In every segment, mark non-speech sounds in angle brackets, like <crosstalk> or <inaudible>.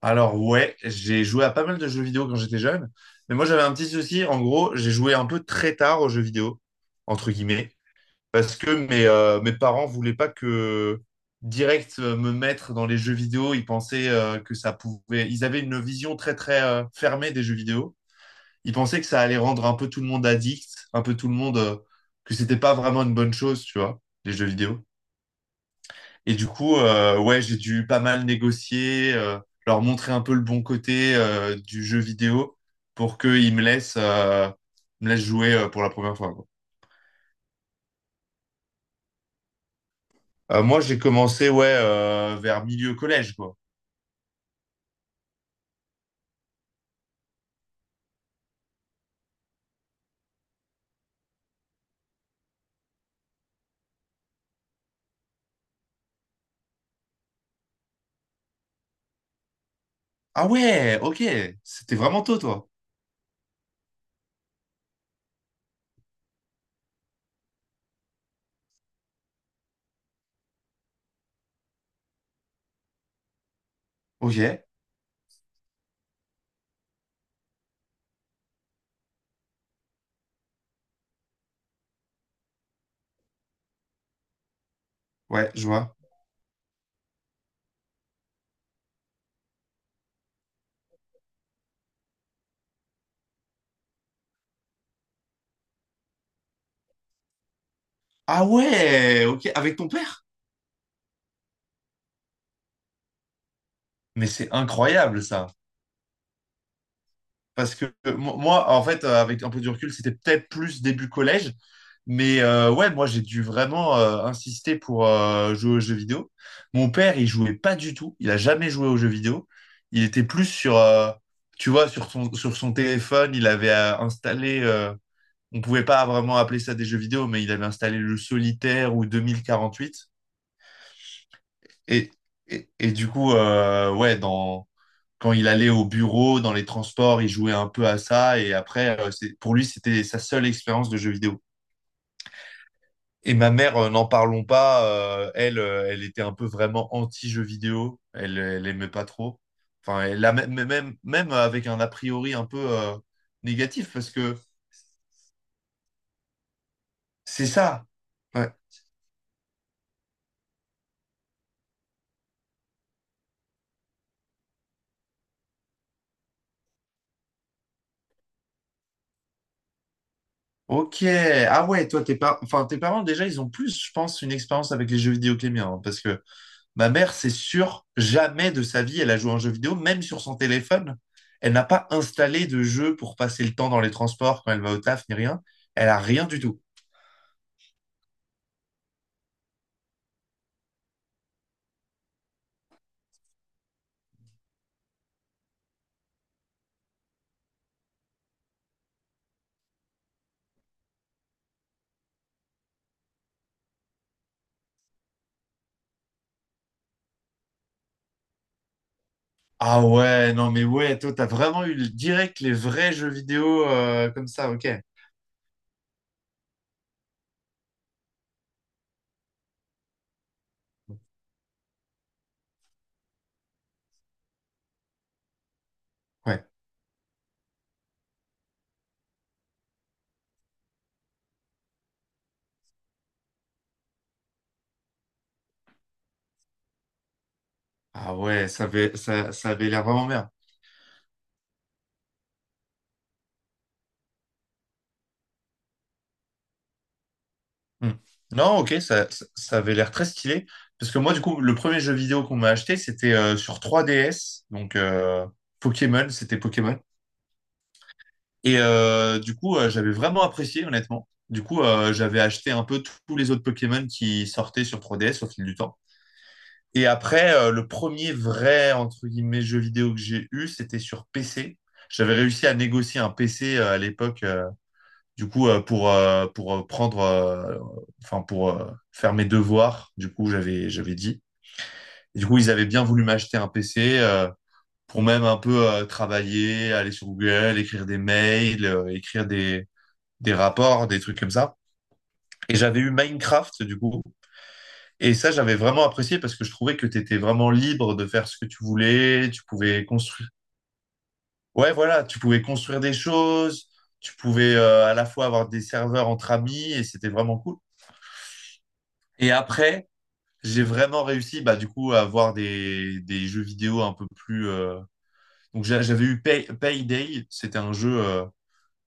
Alors ouais, j'ai joué à pas mal de jeux vidéo quand j'étais jeune, mais moi j'avais un petit souci, en gros, j'ai joué un peu très tard aux jeux vidéo, entre guillemets, parce que mes parents voulaient pas que direct me mettre dans les jeux vidéo. Ils pensaient que ça pouvait, ils avaient une vision très très fermée des jeux vidéo. Ils pensaient que ça allait rendre un peu tout le monde addict, un peu tout le monde, que c'était pas vraiment une bonne chose, tu vois, les jeux vidéo. Et du coup, ouais, j'ai dû pas mal négocier, leur montrer un peu le bon côté du jeu vidéo pour qu'ils me laissent, jouer pour la première fois, quoi. Moi, j'ai commencé, ouais, vers milieu collège, quoi. Ah ouais, ok. C'était vraiment tôt, toi. Ok, ouais, je vois. Ah ouais, ok. Avec ton père? Mais c'est incroyable, ça. Parce que moi, en fait, avec un peu du recul, c'était peut-être plus début collège. Mais ouais, moi, j'ai dû vraiment insister pour jouer aux jeux vidéo. Mon père, il jouait pas du tout. Il a jamais joué aux jeux vidéo. Il était plus sur, tu vois, sur son téléphone. Il avait installé, on pouvait pas vraiment appeler ça des jeux vidéo, mais il avait installé le Solitaire ou 2048. Et, et du coup, ouais, dans quand il allait au bureau, dans les transports, il jouait un peu à ça. Et après, pour lui, c'était sa seule expérience de jeu vidéo. Et ma mère, n'en parlons pas, elle était un peu vraiment anti-jeu vidéo. Elle aimait pas trop. Enfin, elle a même, même, même avec un a priori un peu négatif, parce que c'est ça. Ouais. Ok. Ah ouais, toi, enfin, tes parents, déjà, ils ont plus, je pense, une expérience avec les jeux vidéo que les miens, hein, parce que ma mère, c'est sûr, jamais de sa vie, elle a joué à un jeu vidéo, même sur son téléphone. Elle n'a pas installé de jeu pour passer le temps dans les transports quand elle va au taf, ni rien. Elle a rien du tout. Ah ouais, non mais ouais, toi, t'as vraiment eu direct les vrais jeux vidéo comme ça, ok. Ouais. Ah ouais, ça avait l'air vraiment bien. Hmm. Non, ok, ça avait l'air très stylé. Parce que moi, du coup, le premier jeu vidéo qu'on m'a acheté, c'était sur 3DS. Donc, Pokémon, c'était Pokémon. Et du coup, j'avais vraiment apprécié, honnêtement. Du coup, j'avais acheté un peu tous les autres Pokémon qui sortaient sur 3DS au fil du temps. Et après, le premier vrai, entre guillemets, jeu vidéo que j'ai eu, c'était sur PC. J'avais réussi à négocier un PC à l'époque, du coup, enfin, pour faire mes devoirs. Du coup, j'avais dit. Et du coup, ils avaient bien voulu m'acheter un PC pour même un peu travailler, aller sur Google, écrire des mails, écrire des rapports, des trucs comme ça. Et j'avais eu Minecraft, du coup. Et ça, j'avais vraiment apprécié parce que je trouvais que tu étais vraiment libre de faire ce que tu voulais. Tu pouvais construire. Ouais, voilà, tu pouvais construire des choses. Tu pouvais à la fois avoir des serveurs entre amis et c'était vraiment cool. Et après, j'ai vraiment réussi, bah, du coup, à avoir des jeux vidéo un peu plus. Donc, j'avais eu Payday. C'était un jeu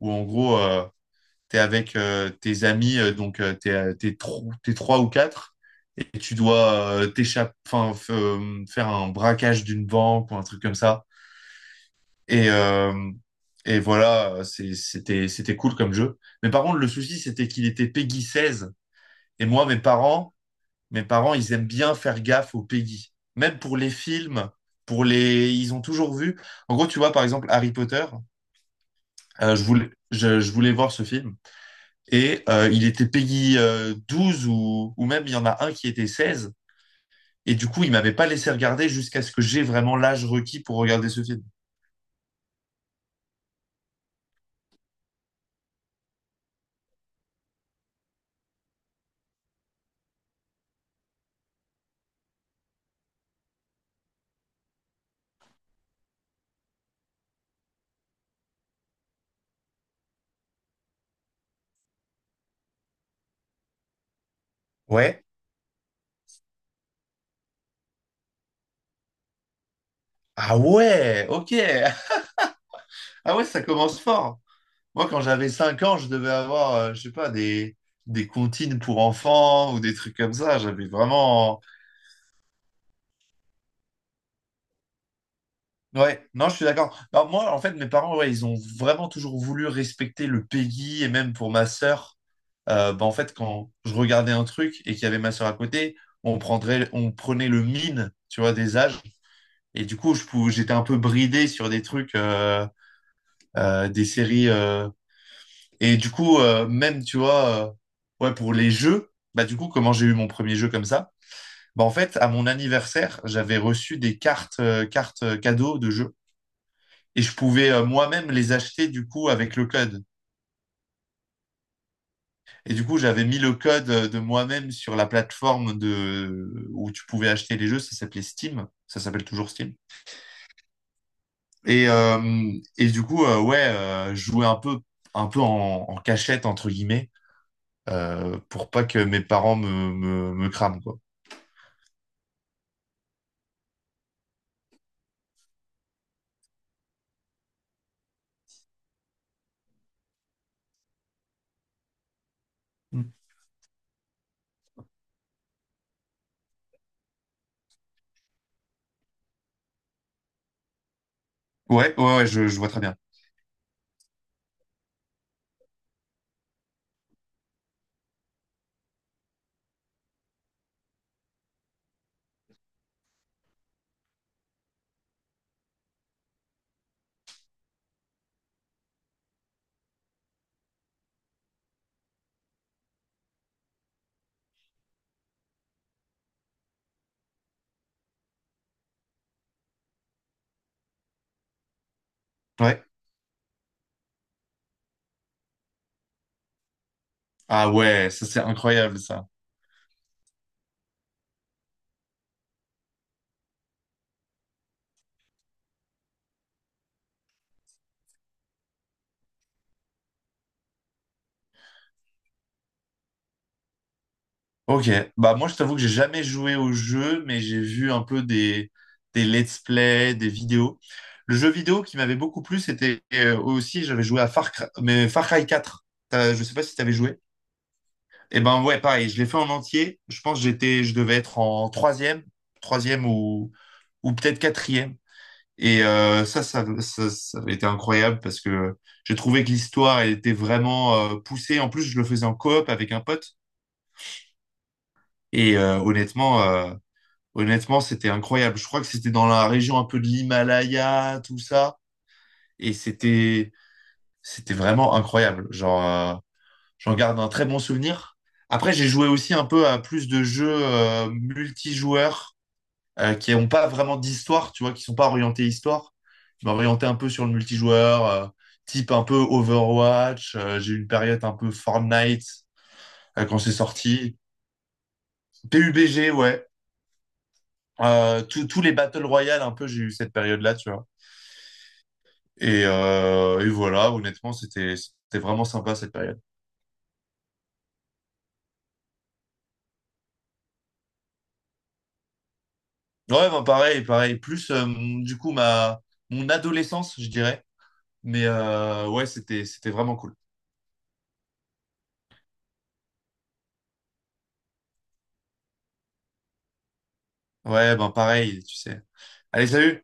où, en gros, tu es avec tes amis, donc t'es trois ou quatre, et tu dois t'échapper, enfin, faire un braquage d'une banque ou un truc comme ça. Et, euh, et voilà, c'était cool comme jeu. Mais par contre, le souci, c'était qu'il était Peggy 16. Et moi, mes parents, ils aiment bien faire gaffe aux Peggy. Même pour les films, ils ont toujours vu. En gros, tu vois, par exemple, Harry Potter, je voulais voir ce film, et il était Peggy 12 ou même il y en a un qui était 16. Et du coup, il m'avait pas laissé regarder jusqu'à ce que j'ai vraiment l'âge requis pour regarder ce film. Ouais. Ah ouais, ok. <laughs> Ah ouais, ça commence fort. Moi, quand j'avais 5 ans, je devais avoir, je sais pas, des comptines pour enfants ou des trucs comme ça. J'avais vraiment... Ouais, non, je suis d'accord. Alors moi, en fait, mes parents, ouais, ils ont vraiment toujours voulu respecter le Peggy et même pour ma sœur. Bah, en fait, quand je regardais un truc et qu'il y avait ma sœur à côté, on prenait le mine, tu vois, des âges. Et du coup, j'étais un peu bridé sur des trucs, des séries. Et du coup, même, tu vois, ouais, pour les jeux, bah du coup, comment j'ai eu mon premier jeu comme ça? Bah en fait, à mon anniversaire, j'avais reçu des cartes cadeaux de jeux. Et je pouvais moi-même les acheter du coup avec le code. Et du coup, j'avais mis le code de moi-même sur la plateforme où tu pouvais acheter les jeux. Ça s'appelait Steam. Ça s'appelle toujours Steam. Et, euh, et du coup, ouais, je jouais un peu en, cachette, entre guillemets, pour pas que mes parents me crament, quoi. Mm. Ouais, ouais, ouais, je vois très bien. Ouais. Ah ouais, ça c'est incroyable, ça. Ok, bah moi je t'avoue que j'ai jamais joué au jeu, mais j'ai vu un peu des let's play, des vidéos. Le jeu vidéo qui m'avait beaucoup plu, c'était aussi, j'avais joué à Far Cry, mais Far Cry 4. Je sais pas si t'avais joué. Et ben ouais, pareil, je l'ai fait en entier. Je pense que je devais être en troisième, ou peut-être quatrième. Et ça avait été incroyable parce que j'ai trouvé que l'histoire elle était vraiment poussée. En plus, je le faisais en coop avec un pote. Et euh, honnêtement, euh, Honnêtement, c'était incroyable. Je crois que c'était dans la région un peu de l'Himalaya, tout ça. Et c'était vraiment incroyable. Genre, euh, j'en garde un très bon souvenir. Après, j'ai joué aussi un peu à plus de jeux multijoueurs qui n'ont pas vraiment d'histoire, tu vois, qui sont pas orientés histoire. Je m'orientais un peu sur le multijoueur, type un peu Overwatch. J'ai eu une période un peu Fortnite quand c'est sorti. PUBG, ouais. Tous les Battle Royale, un peu, j'ai eu cette période-là, tu vois. Et voilà, honnêtement, c'était vraiment sympa cette période. Ouais, ben pareil, pareil. Plus mon- du coup ma mon adolescence, je dirais. Mais ouais, c'était vraiment cool. Ouais, ben pareil, tu sais. Allez, salut!